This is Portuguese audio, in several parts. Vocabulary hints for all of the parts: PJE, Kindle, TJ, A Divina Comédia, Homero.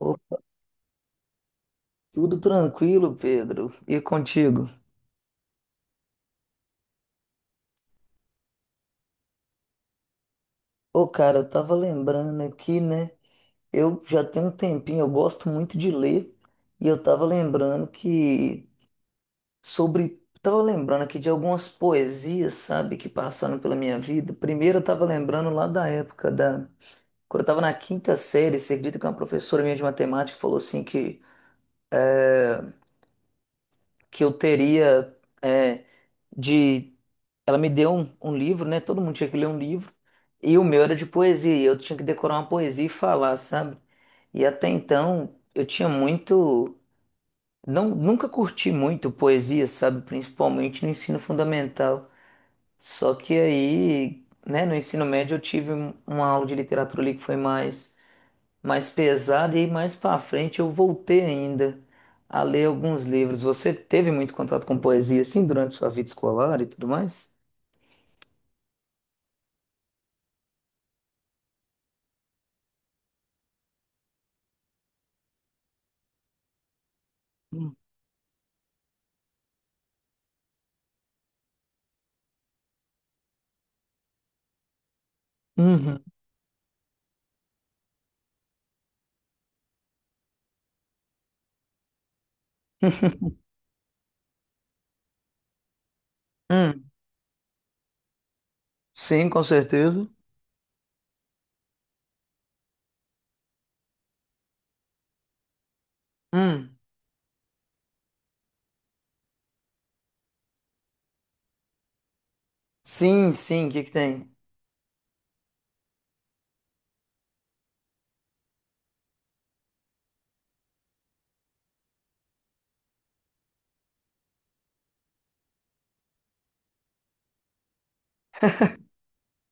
Ô, tudo tranquilo, Pedro. E contigo? Ô, cara, eu tava lembrando aqui, né? Eu já tenho um tempinho, eu gosto muito de ler, e eu tava lembrando que sobre. Tava lembrando aqui de algumas poesias, sabe, que passaram pela minha vida. Primeiro eu tava lembrando lá da época da. Quando eu tava na quinta série, você acredita que uma professora minha de matemática falou assim que eu teria. É, de Ela me deu um livro, né? Todo mundo tinha que ler um livro. E o meu era de poesia. E eu tinha que decorar uma poesia e falar, sabe? E até então eu tinha muito. Não, nunca curti muito poesia, sabe? Principalmente no ensino fundamental. Só que aí, né, no ensino médio eu tive uma aula de literatura ali que foi mais, mais pesada. E aí, mais pra frente eu voltei ainda a ler alguns livros. Você teve muito contato com poesia, assim, durante sua vida escolar e tudo mais? Uhum. Hum, sim, com certeza. Hum, sim, sim, o que que tem?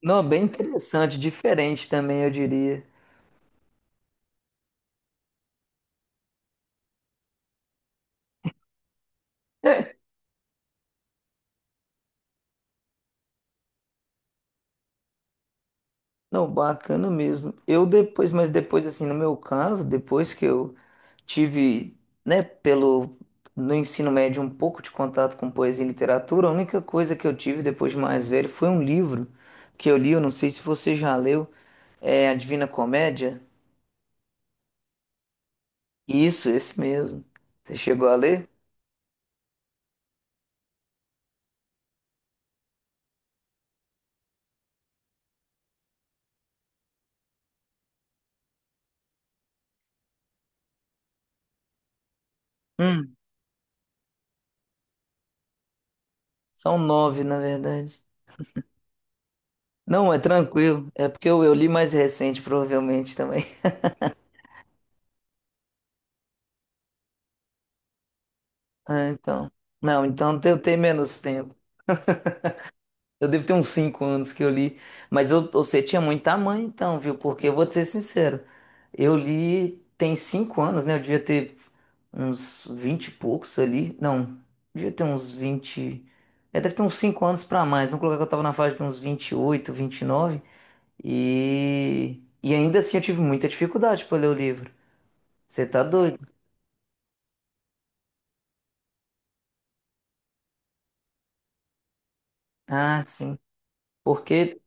Não, bem interessante, diferente também, eu diria. Não, bacana mesmo. Eu depois, mas depois, assim, no meu caso, depois que eu tive, né, pelo, no ensino médio, um pouco de contato com poesia e literatura, a única coisa que eu tive depois de mais velho foi um livro que eu li, eu não sei se você já leu, é A Divina Comédia. Isso, esse mesmo. Você chegou a ler? Hum, são nove, na verdade. Não, é tranquilo. É porque eu li mais recente, provavelmente também. Ah, então. Não, então eu tenho menos tempo. Eu devo ter uns 5 anos que eu li. Mas eu, você tinha muito tamanho, então, viu? Porque eu vou te ser sincero. Eu li tem 5 anos, né? Eu devia ter uns 20 e poucos ali. Não, devia ter uns 20. É, deve ter uns 5 anos pra mais. Vamos colocar que eu tava na faixa de uns 28, 29. E, nove. E ainda assim eu tive muita dificuldade pra ler o livro. Você tá doido? Ah, sim. Porque,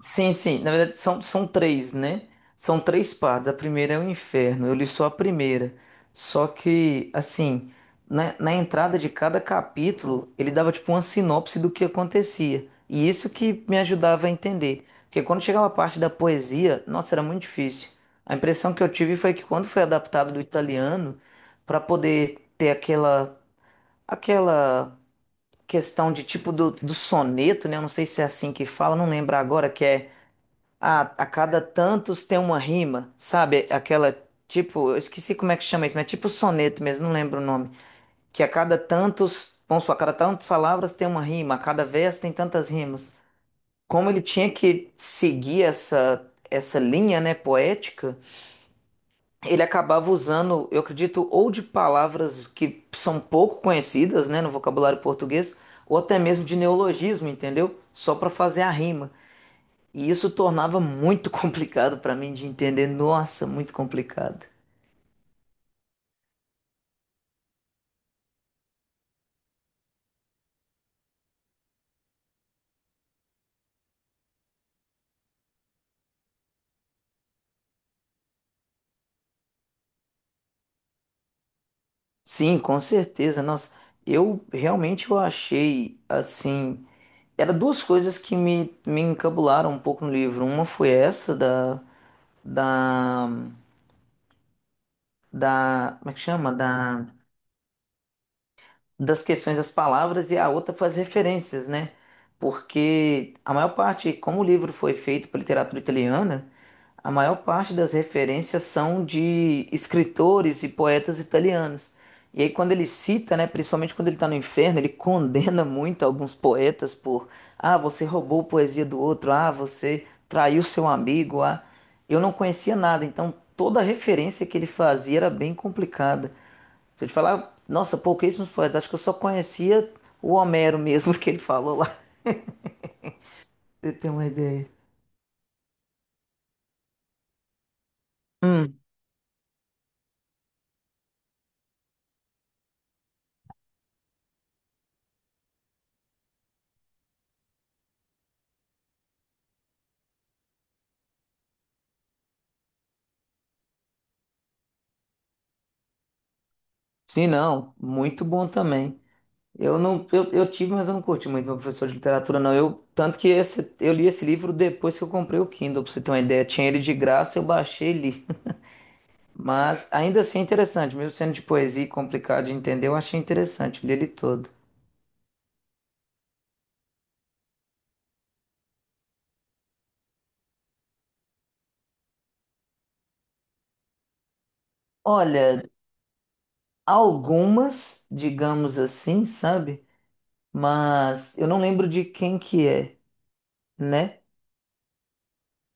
sim, sim, na verdade são, são três, né? São três partes. A primeira é o inferno, eu li só a primeira. Só que, assim, na entrada de cada capítulo, ele dava tipo uma sinopse do que acontecia. E isso que me ajudava a entender. Porque quando chegava a parte da poesia, nossa, era muito difícil. A impressão que eu tive foi que quando foi adaptado do italiano, para poder ter aquela, aquela questão de tipo do soneto, né? Eu não sei se é assim que fala, não lembro agora, que é. A cada tantos tem uma rima, sabe? Aquela tipo, eu esqueci como é que chama isso, mas é tipo soneto mesmo, não lembro o nome. Que a cada tantos, vamos supor, a cada tantas palavras tem uma rima, a cada verso tem tantas rimas. Como ele tinha que seguir essa linha, né, poética, ele acabava usando, eu acredito, ou de palavras que são pouco conhecidas, né, no vocabulário português, ou até mesmo de neologismo, entendeu? Só para fazer a rima. E isso tornava muito complicado para mim de entender. Nossa, muito complicado. Sim, com certeza. Nossa, eu realmente eu achei assim. Era duas coisas que me encabularam um pouco no livro. Uma foi essa da, da, como é que chama? Da das questões das palavras e a outra foi as referências, né? Porque a maior parte, como o livro foi feito por literatura italiana, a maior parte das referências são de escritores e poetas italianos. E aí quando ele cita, né, principalmente quando ele está no inferno, ele condena muito alguns poetas por, ah, você roubou poesia do outro, ah, você traiu seu amigo, ah. Eu não conhecia nada, então toda referência que ele fazia era bem complicada. Se eu te falar, nossa, pouquíssimos poetas. Acho que eu só conhecia o Homero mesmo que ele falou lá. Você tem uma ideia? Hum. Sim, não. Muito bom também. Eu não, eu tive, mas eu não curti muito meu professor de literatura, não. Eu, tanto que esse, eu li esse livro depois que eu comprei o Kindle, pra você ter uma ideia. Tinha ele de graça, eu baixei e li. Mas ainda assim é interessante, mesmo sendo de poesia e complicado de entender, eu achei interessante, eu li ele todo. Olha, algumas, digamos assim, sabe? Mas eu não lembro de quem que é, né?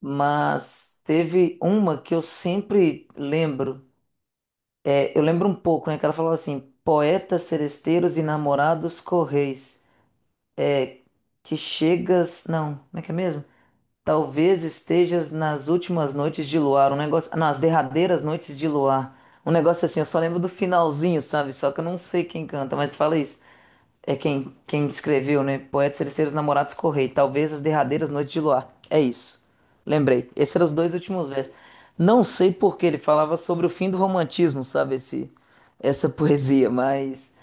Mas teve uma que eu sempre lembro. É, eu lembro um pouco, né? Que ela falou assim: poetas, seresteiros e namorados correis, que chegas. Não, como é que é mesmo? Talvez estejas nas últimas noites de luar, um negócio. Não, as derradeiras noites de luar. Um negócio assim, eu só lembro do finalzinho, sabe? Só que eu não sei quem canta, mas fala isso. É quem, quem escreveu, né? Poetas Terceiros Namorados Correi. Talvez as derradeiras noites de luar. É isso. Lembrei. Esses eram os dois últimos versos. Não sei por que ele falava sobre o fim do romantismo, sabe? Esse, essa poesia, mas.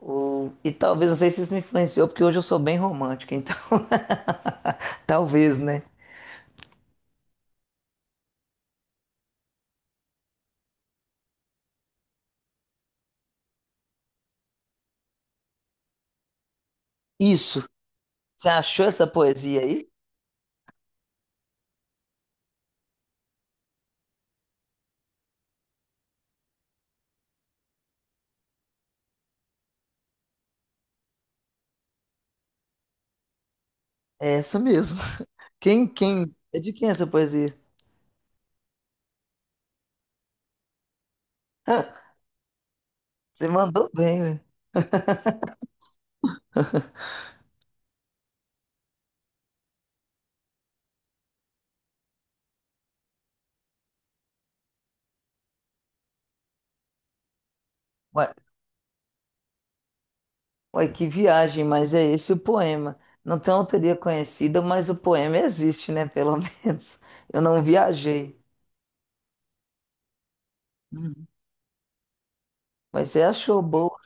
O, e talvez, não sei se isso me influenciou, porque hoje eu sou bem romântico, então. Talvez, né? Isso. Você achou essa poesia aí? É essa mesmo. Quem, quem? É de quem essa poesia? Você mandou bem, né? Ué, que viagem, mas é esse o poema. Não tem autoria conhecida, mas o poema existe, né? Pelo menos. Eu não viajei. Uhum. Mas você achou boa.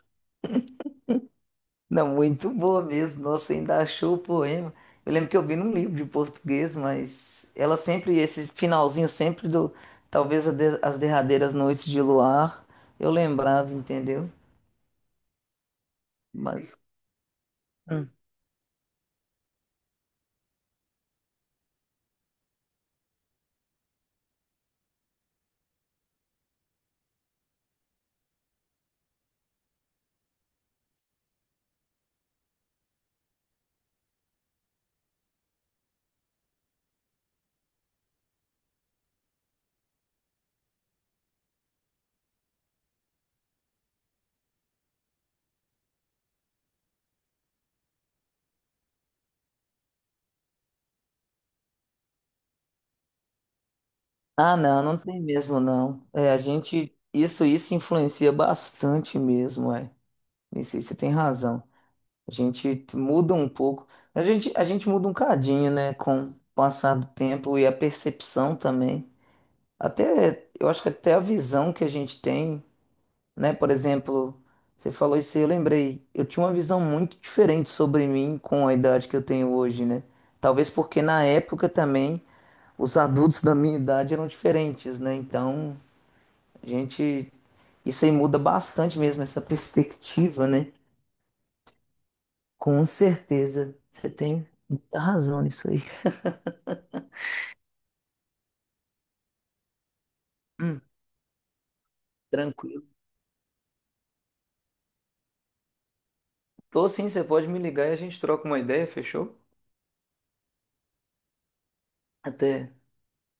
Não, muito boa mesmo. Nossa, ainda achou o poema. Eu lembro que eu vi num livro de português, mas ela sempre, esse finalzinho sempre do, talvez a as derradeiras noites de luar, eu lembrava, entendeu? Mas. Hum. Ah, não, não tem mesmo, não. É, a gente, isso influencia bastante mesmo, é. Isso, aí você tem razão. A gente muda um pouco. A gente muda um cadinho, né? Com o passar do tempo e a percepção também. Até, eu acho que até a visão que a gente tem, né? Por exemplo, você falou isso aí, eu lembrei. Eu tinha uma visão muito diferente sobre mim com a idade que eu tenho hoje, né? Talvez porque na época também os adultos da minha idade eram diferentes, né? Então, a gente. Isso aí muda bastante mesmo, essa perspectiva, né? Com certeza, você tem muita razão nisso aí. Hum. Tranquilo. Tô sim, você pode me ligar e a gente troca uma ideia, fechou? Até.